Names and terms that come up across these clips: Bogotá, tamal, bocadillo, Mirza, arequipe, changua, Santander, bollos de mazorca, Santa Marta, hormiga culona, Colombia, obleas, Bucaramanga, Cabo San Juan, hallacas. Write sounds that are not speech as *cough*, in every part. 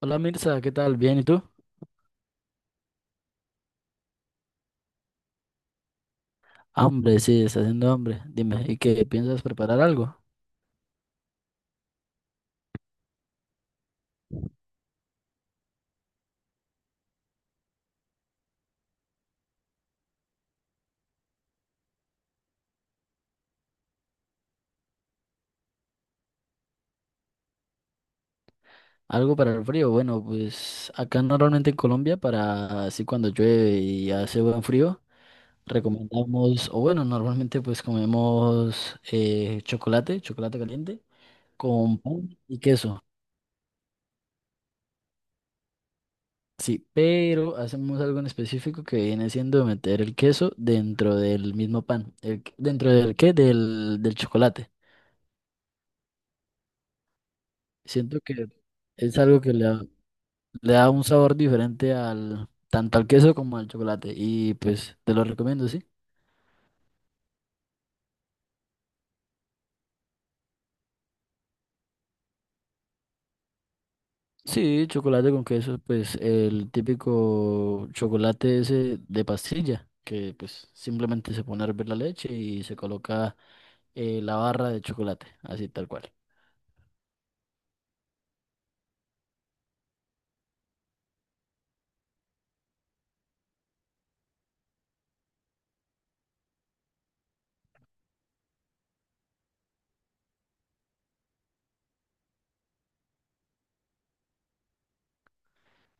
Hola Mirza, ¿qué tal? ¿Bien y tú? Hambre, sí, está haciendo hambre. Dime, ¿y qué piensas preparar algo? ¿Algo para el frío? Bueno, pues acá normalmente en Colombia, para así cuando llueve y hace buen frío, recomendamos, o bueno, normalmente pues comemos chocolate, chocolate caliente, con pan y queso. Sí, pero hacemos algo en específico que viene siendo meter el queso dentro del mismo pan. El, ¿dentro del qué? Del chocolate. Siento que es algo que le da un sabor diferente al tanto al queso como al chocolate. Y pues te lo recomiendo, ¿sí? Sí, chocolate con queso, pues el típico chocolate ese de pastilla, que pues simplemente se pone a hervir la leche y se coloca la barra de chocolate, así tal cual.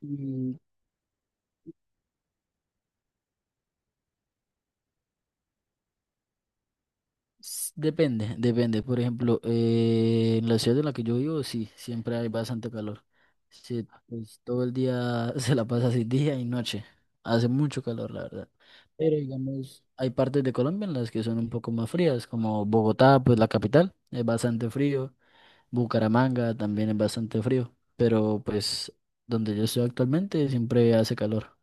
Y depende, depende. Por ejemplo, en la ciudad en la que yo vivo, sí, siempre hay bastante calor. Sí, pues todo el día *laughs* se la pasa así, día y noche. Hace mucho calor, la verdad. Pero digamos, hay partes de Colombia en las que son un poco más frías, como Bogotá, pues la capital, es bastante frío, Bucaramanga también es bastante frío, pero pues donde yo estoy actualmente siempre hace calor.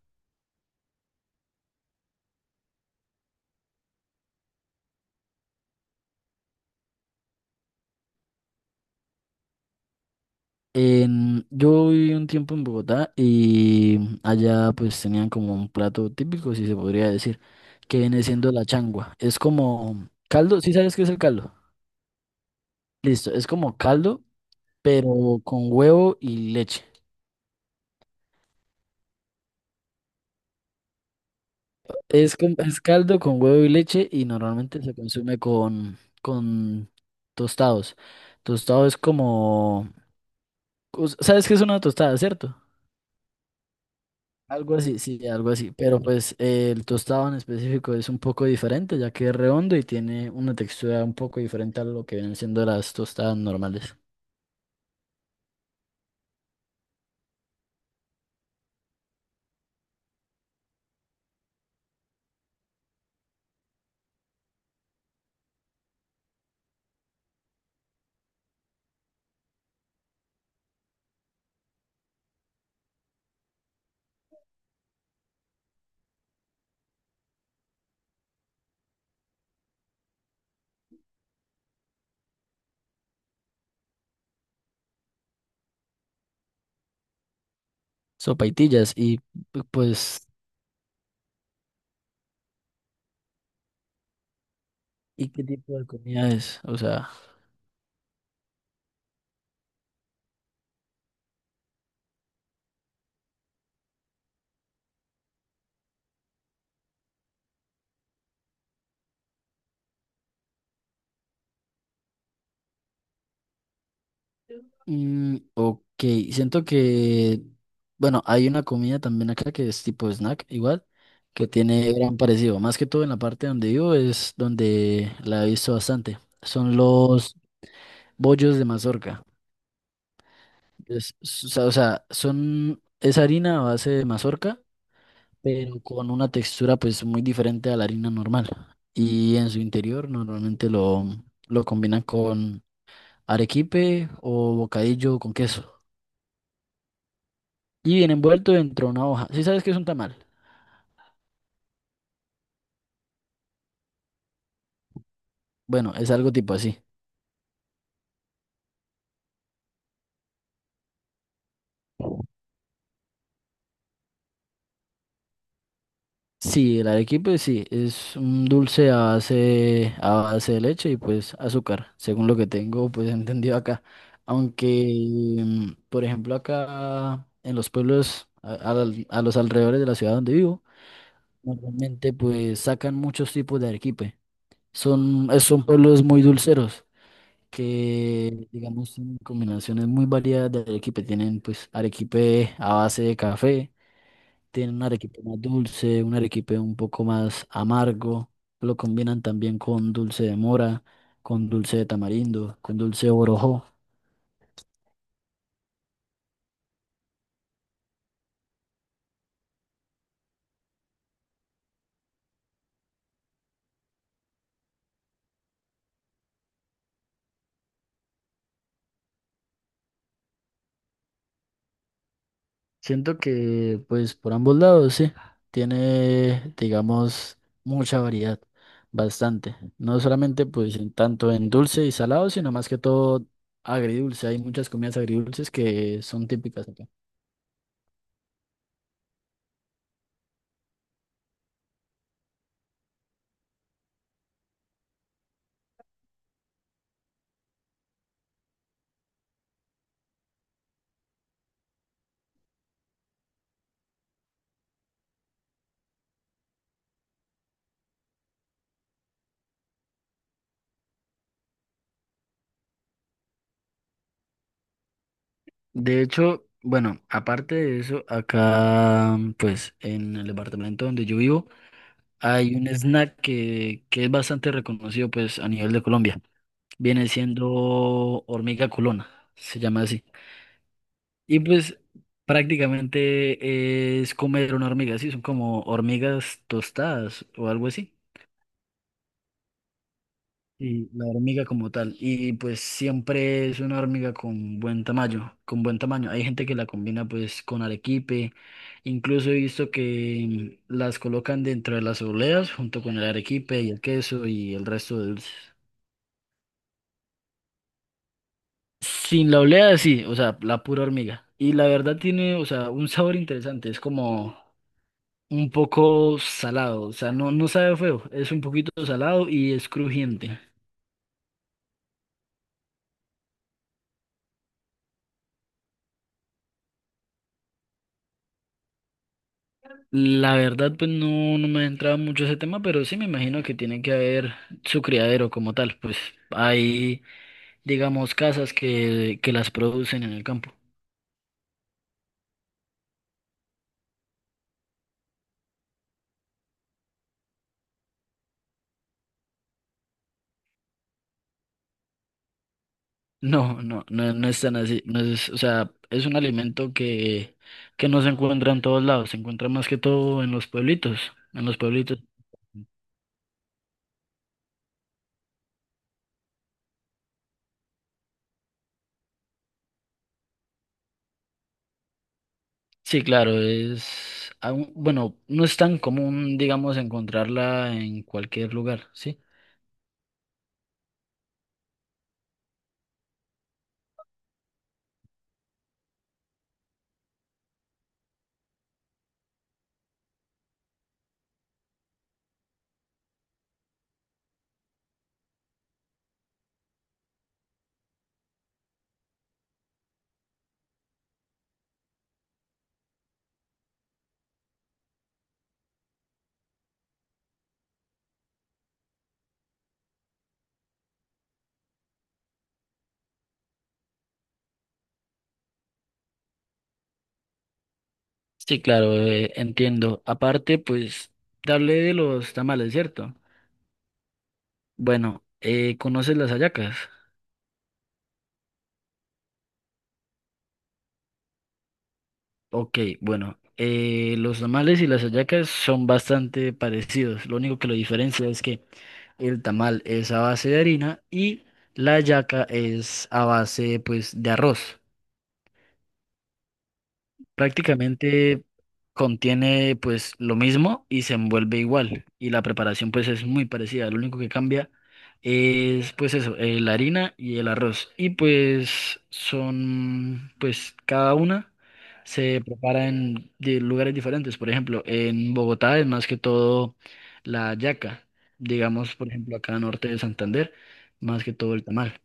En, yo viví un tiempo en Bogotá y allá pues tenían como un plato típico, si se podría decir, que viene siendo la changua. Es como caldo, ¿sí sabes qué es el caldo? Listo, es como caldo, pero con huevo y leche. Es, es caldo con huevo y leche y normalmente se consume con tostados. Tostado es como... ¿Sabes qué es una tostada, cierto? Algo así, sí, algo así. Pero pues el tostado en específico es un poco diferente, ya que es redondo y tiene una textura un poco diferente a lo que vienen siendo las tostadas normales. Sopaitillas y pues... ¿Y qué tipo de comida es? O sea... Mm, ok, siento que, bueno, hay una comida también acá que es tipo snack, igual, que tiene gran parecido. Más que todo en la parte donde vivo es donde la he visto bastante. Son los bollos de mazorca. O sea, son, es harina a base de mazorca, pero con una textura pues muy diferente a la harina normal. Y en su interior normalmente lo combinan con arequipe o bocadillo con queso. Y viene envuelto dentro de una hoja. ¿Sí sabes qué es un tamal? Bueno, es algo tipo así. Sí, el arequipe sí, es un dulce a base de leche y pues azúcar, según lo que tengo pues *laughs* entendido acá. Aunque, mm, por ejemplo, acá en los pueblos, a los alrededores de la ciudad donde vivo, normalmente pues sacan muchos tipos de arequipe. Son, son pueblos muy dulceros, que digamos tienen combinaciones muy variadas de arequipe. Tienen pues arequipe a base de café, tienen un arequipe más dulce, un arequipe un poco más amargo. Lo combinan también con dulce de mora, con dulce de tamarindo, con dulce de borojó. Siento que pues por ambos lados, sí, tiene digamos mucha variedad. Bastante, no solamente pues en tanto en dulce y salado, sino más que todo agridulce. Hay muchas comidas agridulces que son típicas. De hecho, bueno, aparte de eso, acá, pues, en el departamento donde yo vivo, hay un snack que es bastante reconocido, pues, a nivel de Colombia. Viene siendo hormiga culona, se llama así. Y pues, prácticamente es comer una hormiga, sí, son como hormigas tostadas o algo así. Y la hormiga como tal. Y pues siempre es una hormiga con buen tamaño. Hay gente que la combina pues con arequipe. Incluso he visto que mm, las colocan dentro de las obleas junto con el arequipe y el queso y el resto de dulces. Sin la olea, sí, o sea, la pura hormiga. Y la verdad tiene, o sea, un sabor interesante, es como un poco salado, o sea, no, no sabe feo, es un poquito salado y es crujiente. La verdad, pues no, no me he entrado mucho ese tema, pero sí me imagino que tiene que haber su criadero como tal. Pues hay, digamos, casas que las producen en el campo. No es tan así. No es, o sea, es un alimento que no se encuentra en todos lados, se encuentra más que todo en los pueblitos. En los pueblitos. Sí, claro, es, bueno, no es tan común, digamos, encontrarla en cualquier lugar, ¿sí? Sí, claro, entiendo. Aparte, pues, darle de los tamales, ¿cierto? Bueno, ¿conoces las hallacas? Ok, bueno, los tamales y las hallacas son bastante parecidos. Lo único que lo diferencia es que el tamal es a base de harina y la hallaca es a base, pues, de arroz. Prácticamente contiene pues lo mismo y se envuelve igual y la preparación pues es muy parecida. Lo único que cambia es pues eso, la harina y el arroz. Y pues son pues cada una se prepara en lugares diferentes. Por ejemplo, en Bogotá es más que todo la yaca. Digamos, por ejemplo, acá norte de Santander, más que todo el tamal.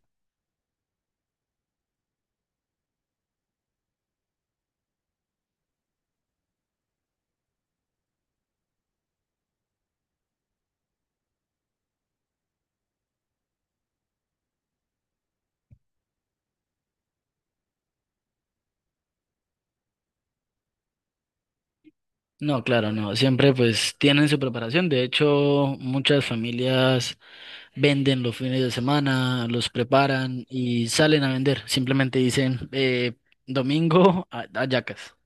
No, claro, no. Siempre pues tienen su preparación. De hecho, muchas familias venden los fines de semana, los preparan y salen a vender. Simplemente dicen, domingo a Yacas.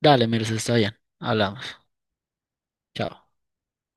Dale, Mirza, está bien. Hablamos. Chao.